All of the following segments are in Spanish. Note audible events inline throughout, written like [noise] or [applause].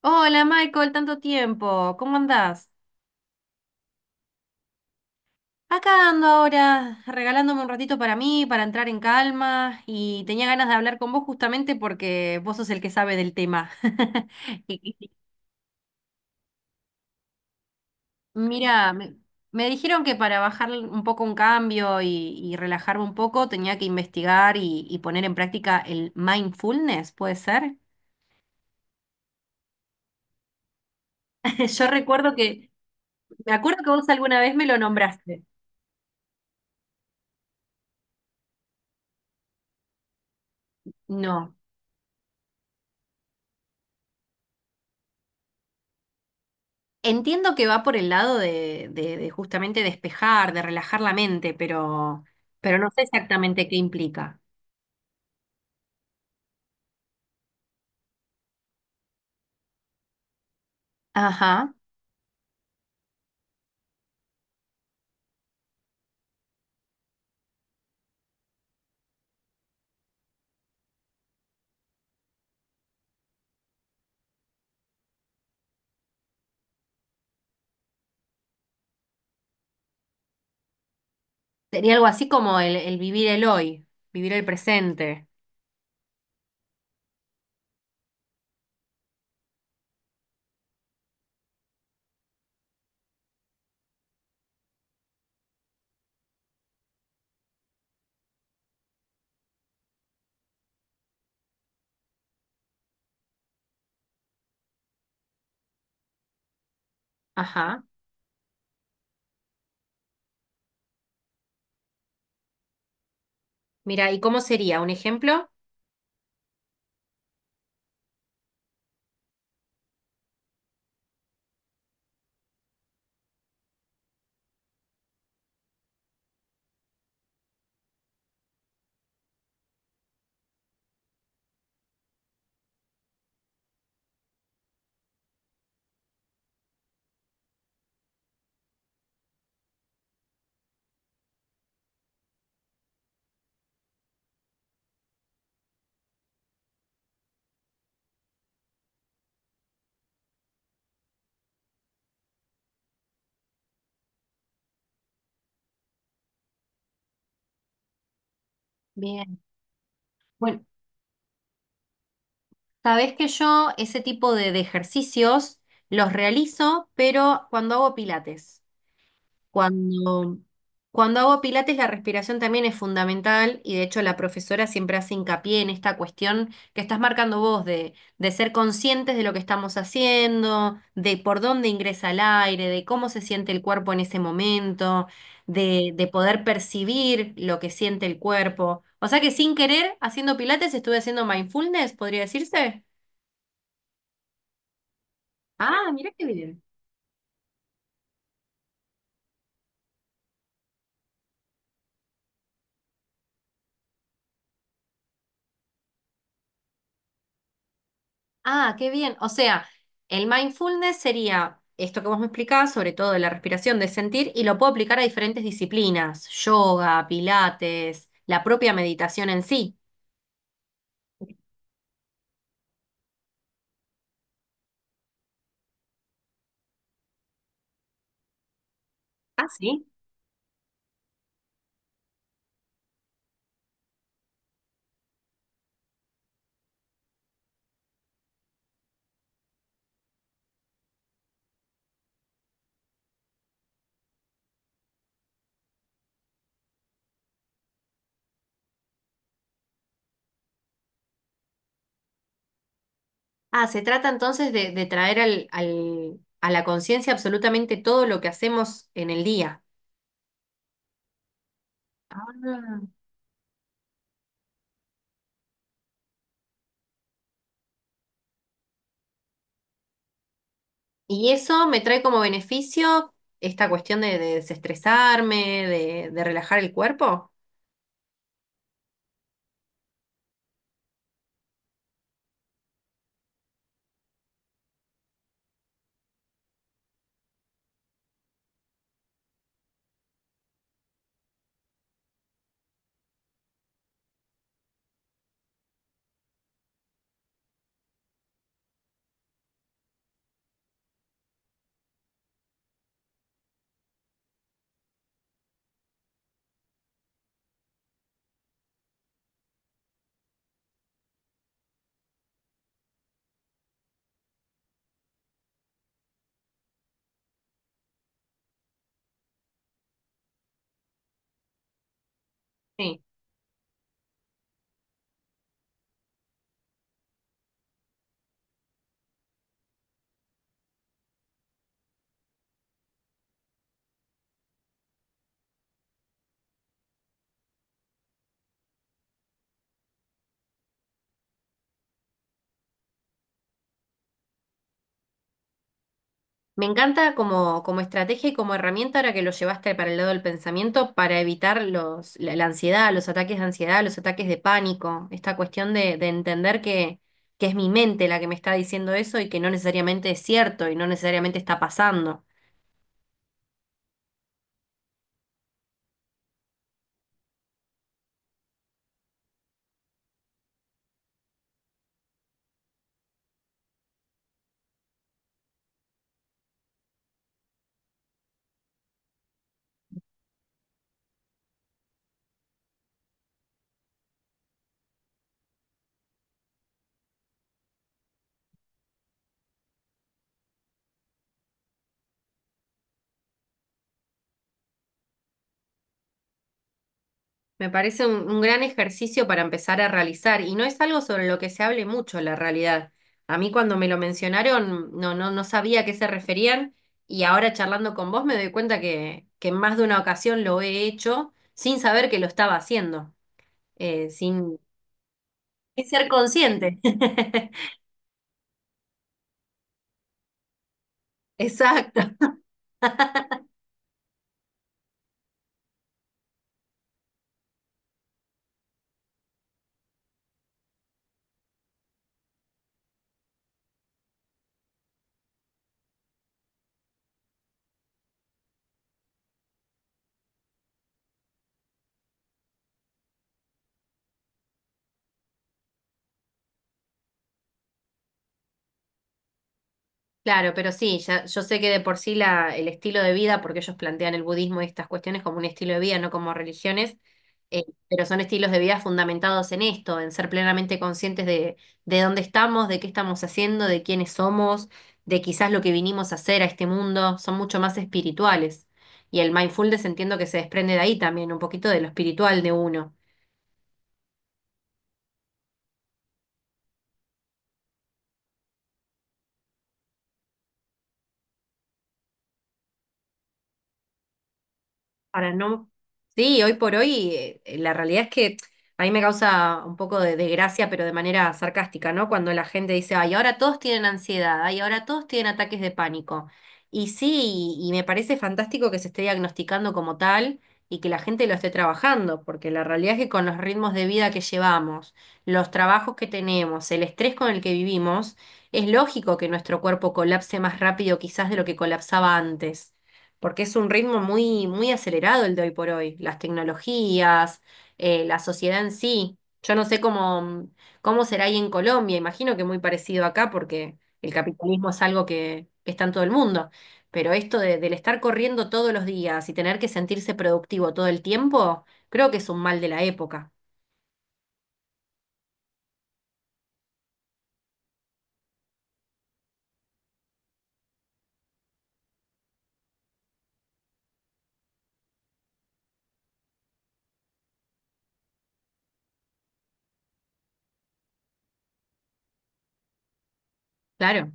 Hola Michael, tanto tiempo, ¿cómo andás? Acá ando ahora regalándome un ratito para mí, para entrar en calma y tenía ganas de hablar con vos justamente porque vos sos el que sabe del tema. [laughs] Y- y- Mira, me dijeron que para bajar un poco un cambio y relajarme un poco tenía que investigar y poner en práctica el mindfulness, ¿puede ser? [laughs] Yo recuerdo que, me acuerdo que vos alguna vez me lo nombraste. No. Entiendo que va por el lado de, de justamente despejar, de relajar la mente, pero no sé exactamente qué implica. Ajá. Sería algo así como el vivir el hoy, vivir el presente. Ajá. Mira, ¿y cómo sería? ¿Un ejemplo? Bien. Bueno, sabés que yo ese tipo de ejercicios los realizo, pero cuando hago pilates. Cuando, cuando hago pilates, la respiración también es fundamental y de hecho la profesora siempre hace hincapié en esta cuestión que estás marcando vos de ser conscientes de lo que estamos haciendo, de por dónde ingresa el aire, de cómo se siente el cuerpo en ese momento, de poder percibir lo que siente el cuerpo. O sea que sin querer, haciendo pilates, estuve haciendo mindfulness, podría decirse. Ah, mira qué bien. Ah, qué bien. O sea, el mindfulness sería esto que vos me explicabas, sobre todo de la respiración, de sentir, y lo puedo aplicar a diferentes disciplinas, yoga, pilates, la propia meditación en sí. Ah, sí. Ah, se trata entonces de traer al, a la conciencia absolutamente todo lo que hacemos en el día. Ah. Y eso me trae como beneficio esta cuestión de desestresarme, de relajar el cuerpo. Me encanta como, como estrategia y como herramienta ahora que lo llevaste para el lado del pensamiento para evitar la, la ansiedad, los ataques de ansiedad, los ataques de pánico, esta cuestión de entender que es mi mente la que me está diciendo eso y que no necesariamente es cierto y no necesariamente está pasando. Me parece un gran ejercicio para empezar a realizar y no es algo sobre lo que se hable mucho, la realidad. A mí cuando me lo mencionaron no sabía a qué se referían y ahora charlando con vos me doy cuenta que en más de una ocasión lo he hecho sin saber que lo estaba haciendo, eh, sin sin ser consciente. [laughs] Exacto. Claro, pero sí, ya, yo sé que de por sí el estilo de vida, porque ellos plantean el budismo y estas cuestiones como un estilo de vida, no como religiones, eh, pero son estilos de vida fundamentados en esto, en ser plenamente conscientes de dónde estamos, de qué estamos haciendo, de quiénes somos, de quizás lo que vinimos a hacer a este mundo, son mucho más espirituales. Y el mindfulness entiendo que se desprende de ahí también, un poquito de lo espiritual de uno. Para no... Sí, hoy por hoy la realidad es que a mí me causa un poco de desgracia, pero de manera sarcástica, ¿no? Cuando la gente dice, ay, ahora todos tienen ansiedad, ay, ahora todos tienen ataques de pánico. Y sí, y me parece fantástico que se esté diagnosticando como tal y que la gente lo esté trabajando, porque la realidad es que con los ritmos de vida que llevamos, los trabajos que tenemos, el estrés con el que vivimos, es lógico que nuestro cuerpo colapse más rápido quizás de lo que colapsaba antes porque es un ritmo muy, muy acelerado el de hoy por hoy, las tecnologías, la sociedad en sí. Yo no sé cómo, cómo será ahí en Colombia, imagino que muy parecido acá, porque el capitalismo es algo que está en todo el mundo, pero esto del estar corriendo todos los días y tener que sentirse productivo todo el tiempo, creo que es un mal de la época, claro.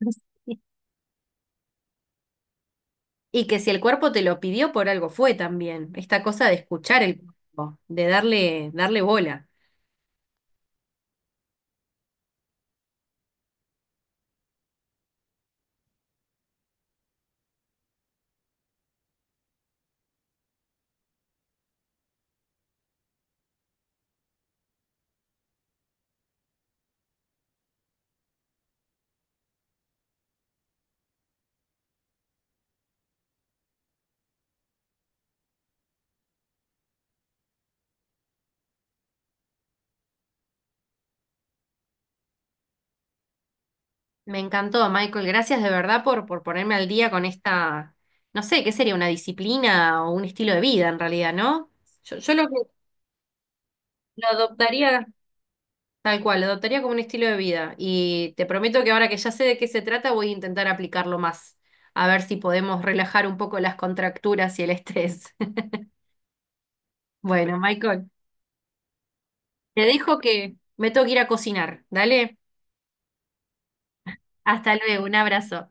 [laughs] Y que si el cuerpo te lo pidió, por algo fue también, esta cosa de escuchar el cuerpo, de darle, darle bola. Me encantó, Michael. Gracias de verdad por ponerme al día con esta, no sé, ¿qué sería? Una disciplina o un estilo de vida en realidad, ¿no? Yo, lo adoptaría tal cual, lo adoptaría como un estilo de vida. Y te prometo que ahora que ya sé de qué se trata, voy a intentar aplicarlo más. A ver si podemos relajar un poco las contracturas y el estrés. [laughs] Bueno, Michael, te dejo que me tengo que ir a cocinar. Dale, hasta luego, un abrazo.